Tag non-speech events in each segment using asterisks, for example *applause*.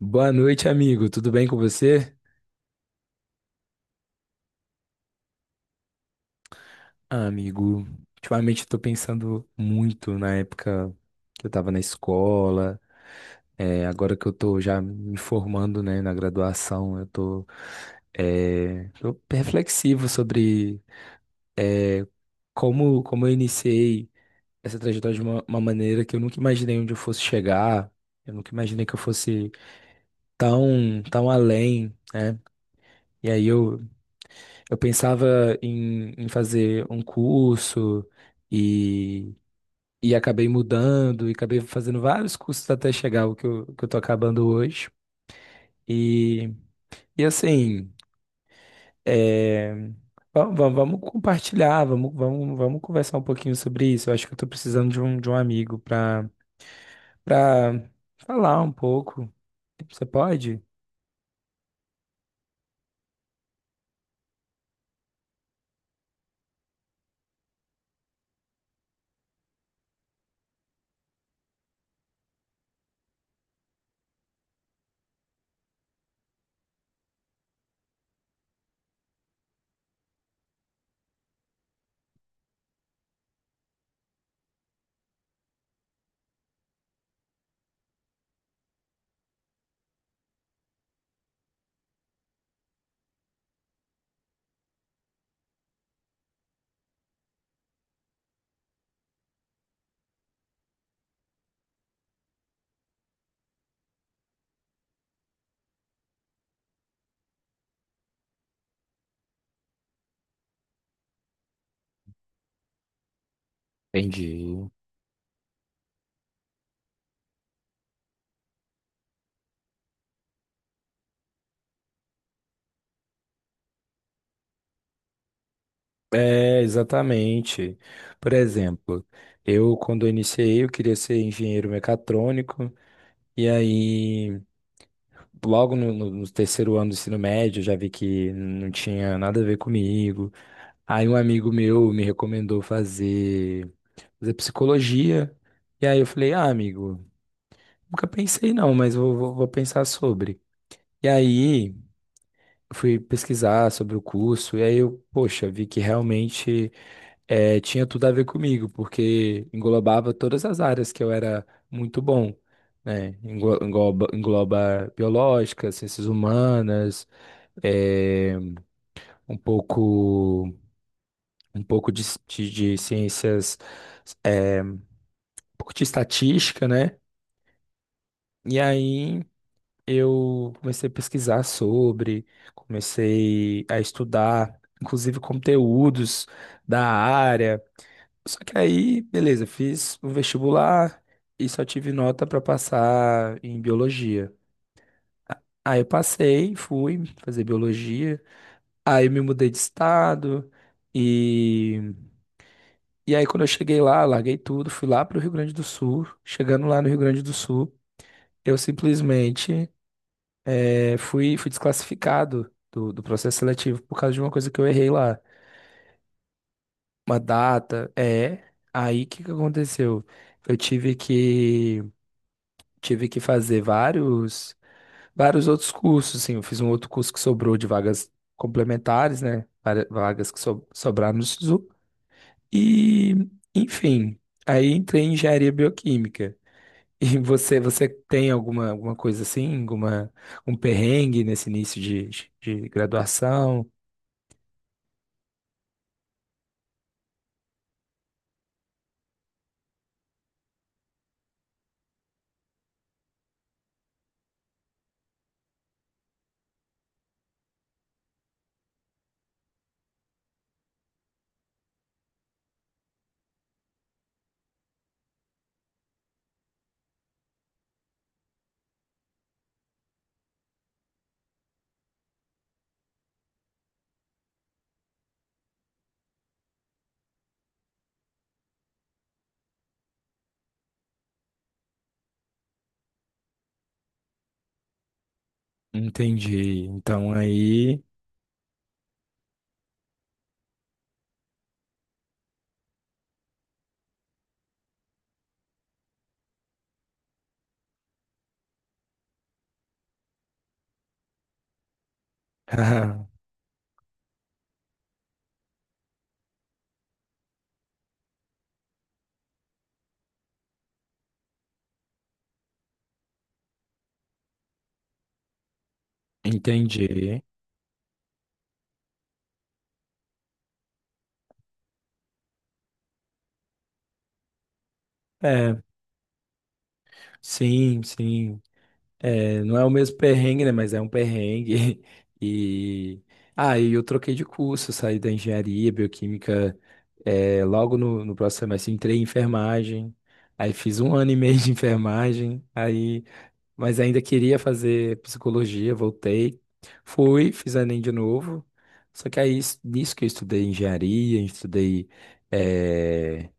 Boa noite, amigo. Tudo bem com você? Ah, amigo, ultimamente eu tô pensando muito na época que eu tava na escola. Agora que eu tô já me formando, né, na graduação, tô reflexivo sobre, é, como eu iniciei essa trajetória de uma maneira que eu nunca imaginei onde eu fosse chegar. Eu nunca imaginei que eu fosse tão além, né? E aí eu pensava em fazer um curso e, e acabei mudando e acabei fazendo vários cursos até chegar ao que eu tô acabando hoje. E, e assim, é, vamos compartilhar, vamos conversar um pouquinho sobre isso. Eu acho que eu tô precisando de um amigo para para falar um pouco. Você pode? Entendi. É, exatamente. Por exemplo, eu quando eu iniciei, eu queria ser engenheiro mecatrônico, e aí logo no terceiro ano do ensino médio eu já vi que não tinha nada a ver comigo. Aí um amigo meu me recomendou fazer psicologia, e aí eu falei, ah, amigo, nunca pensei não, mas vou pensar sobre. E aí fui pesquisar sobre o curso, e aí eu, poxa, vi que realmente tinha tudo a ver comigo, porque englobava todas as áreas que eu era muito bom, né? Engloba biológica, ciências humanas, eh, um pouco, um pouco de, de ciências, eh, um pouco de estatística, né? E aí eu comecei a pesquisar sobre, comecei a estudar, inclusive conteúdos da área. Só que aí, beleza, fiz o vestibular e só tive nota pra passar em biologia. Aí eu passei, fui fazer biologia, aí eu me mudei de estado e e aí quando eu cheguei lá, larguei tudo, fui lá pro Rio Grande do Sul. Chegando lá no Rio Grande do Sul, eu simplesmente fui desclassificado do processo seletivo por causa de uma coisa que eu errei lá, uma data, é. Aí o que que aconteceu? Eu tive que fazer vários outros cursos, assim, eu fiz um outro curso que sobrou de vagas complementares, né? Vagas que sobraram no SISU. E, enfim, aí entrei em engenharia bioquímica. *laughs* E você, você tem alguma coisa assim, alguma, um perrengue nesse início de graduação? Entendi. Então aí, *laughs* entendi. É, sim. É, não é o mesmo perrengue, né? Mas é um perrengue. *laughs* E aí eu troquei de curso, saí da engenharia bioquímica, é, logo no próximo semestre entrei em enfermagem. Aí fiz um ano e meio de *laughs* enfermagem, aí, mas ainda queria fazer psicologia, voltei, fiz Enem de novo. Só que aí, nisso que eu estudei engenharia, estudei é,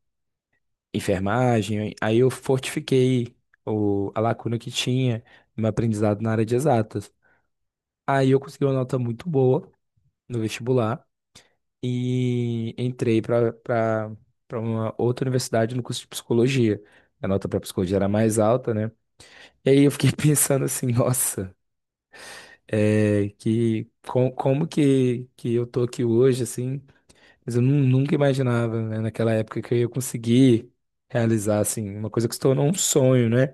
enfermagem, aí eu fortifiquei a lacuna que tinha no meu aprendizado na área de exatas. Aí eu consegui uma nota muito boa no vestibular e entrei para uma outra universidade no curso de psicologia. A nota para psicologia era mais alta, né? E aí eu fiquei *laughs* pensando assim, nossa, como que eu tô aqui hoje, assim, mas nunca imaginava, né, naquela época, que eu ia conseguir realizar, assim, uma coisa que se tornou um sonho, né?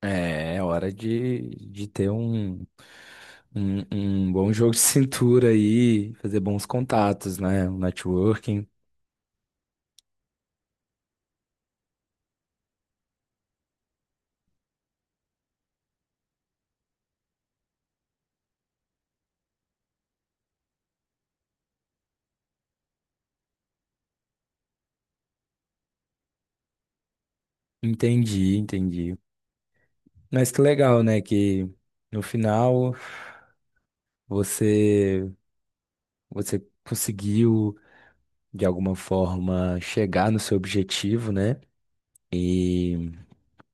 É, é hora de ter um bom *laughs* jogo de cintura aí, fazer bons contatos, né? Um networking. Entendi, entendi. Mas que legal, né? Que no final você, você conseguiu, de alguma forma, chegar no seu objetivo, né?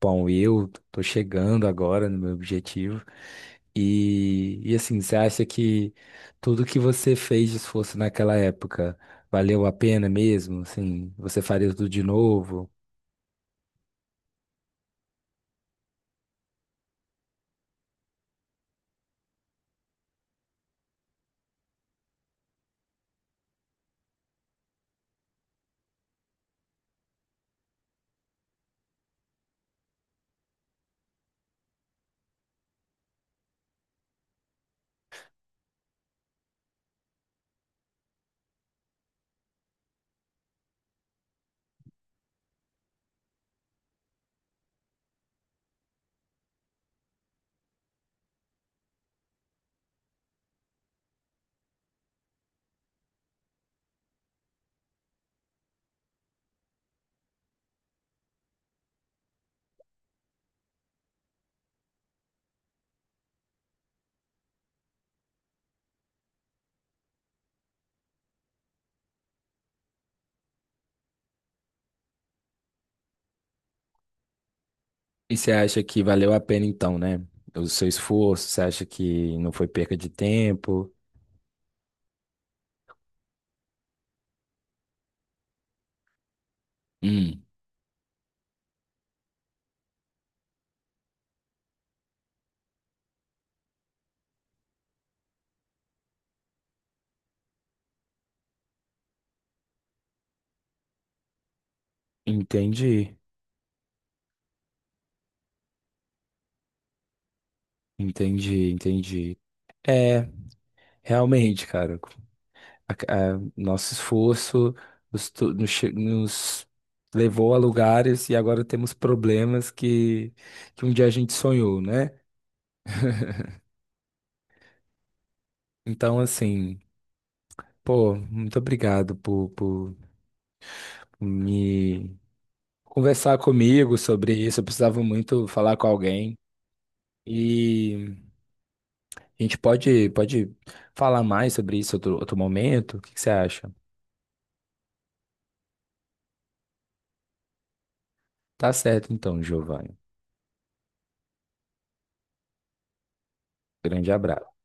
Bom, eu tô chegando agora no meu objetivo. Você acha que tudo que você fez de esforço naquela época valeu a pena mesmo? Assim, você faria tudo de novo? E você acha que valeu a pena então, né? O seu esforço, você acha que não foi perca de tempo? Hum. Entendi, entendi, entendi. É, realmente, cara. a- nosso esforço nos, to- nos che- nos levou a lugares e agora temos problemas que um dia a gente sonhou, né? *laughs* Então, assim, pô, muito obrigado por me conversar comigo sobre isso. Eu precisava muito falar com alguém. E a gente pode falar mais sobre isso outro momento? O que que você acha? Tá certo, então, Giovanni. Grande abraço.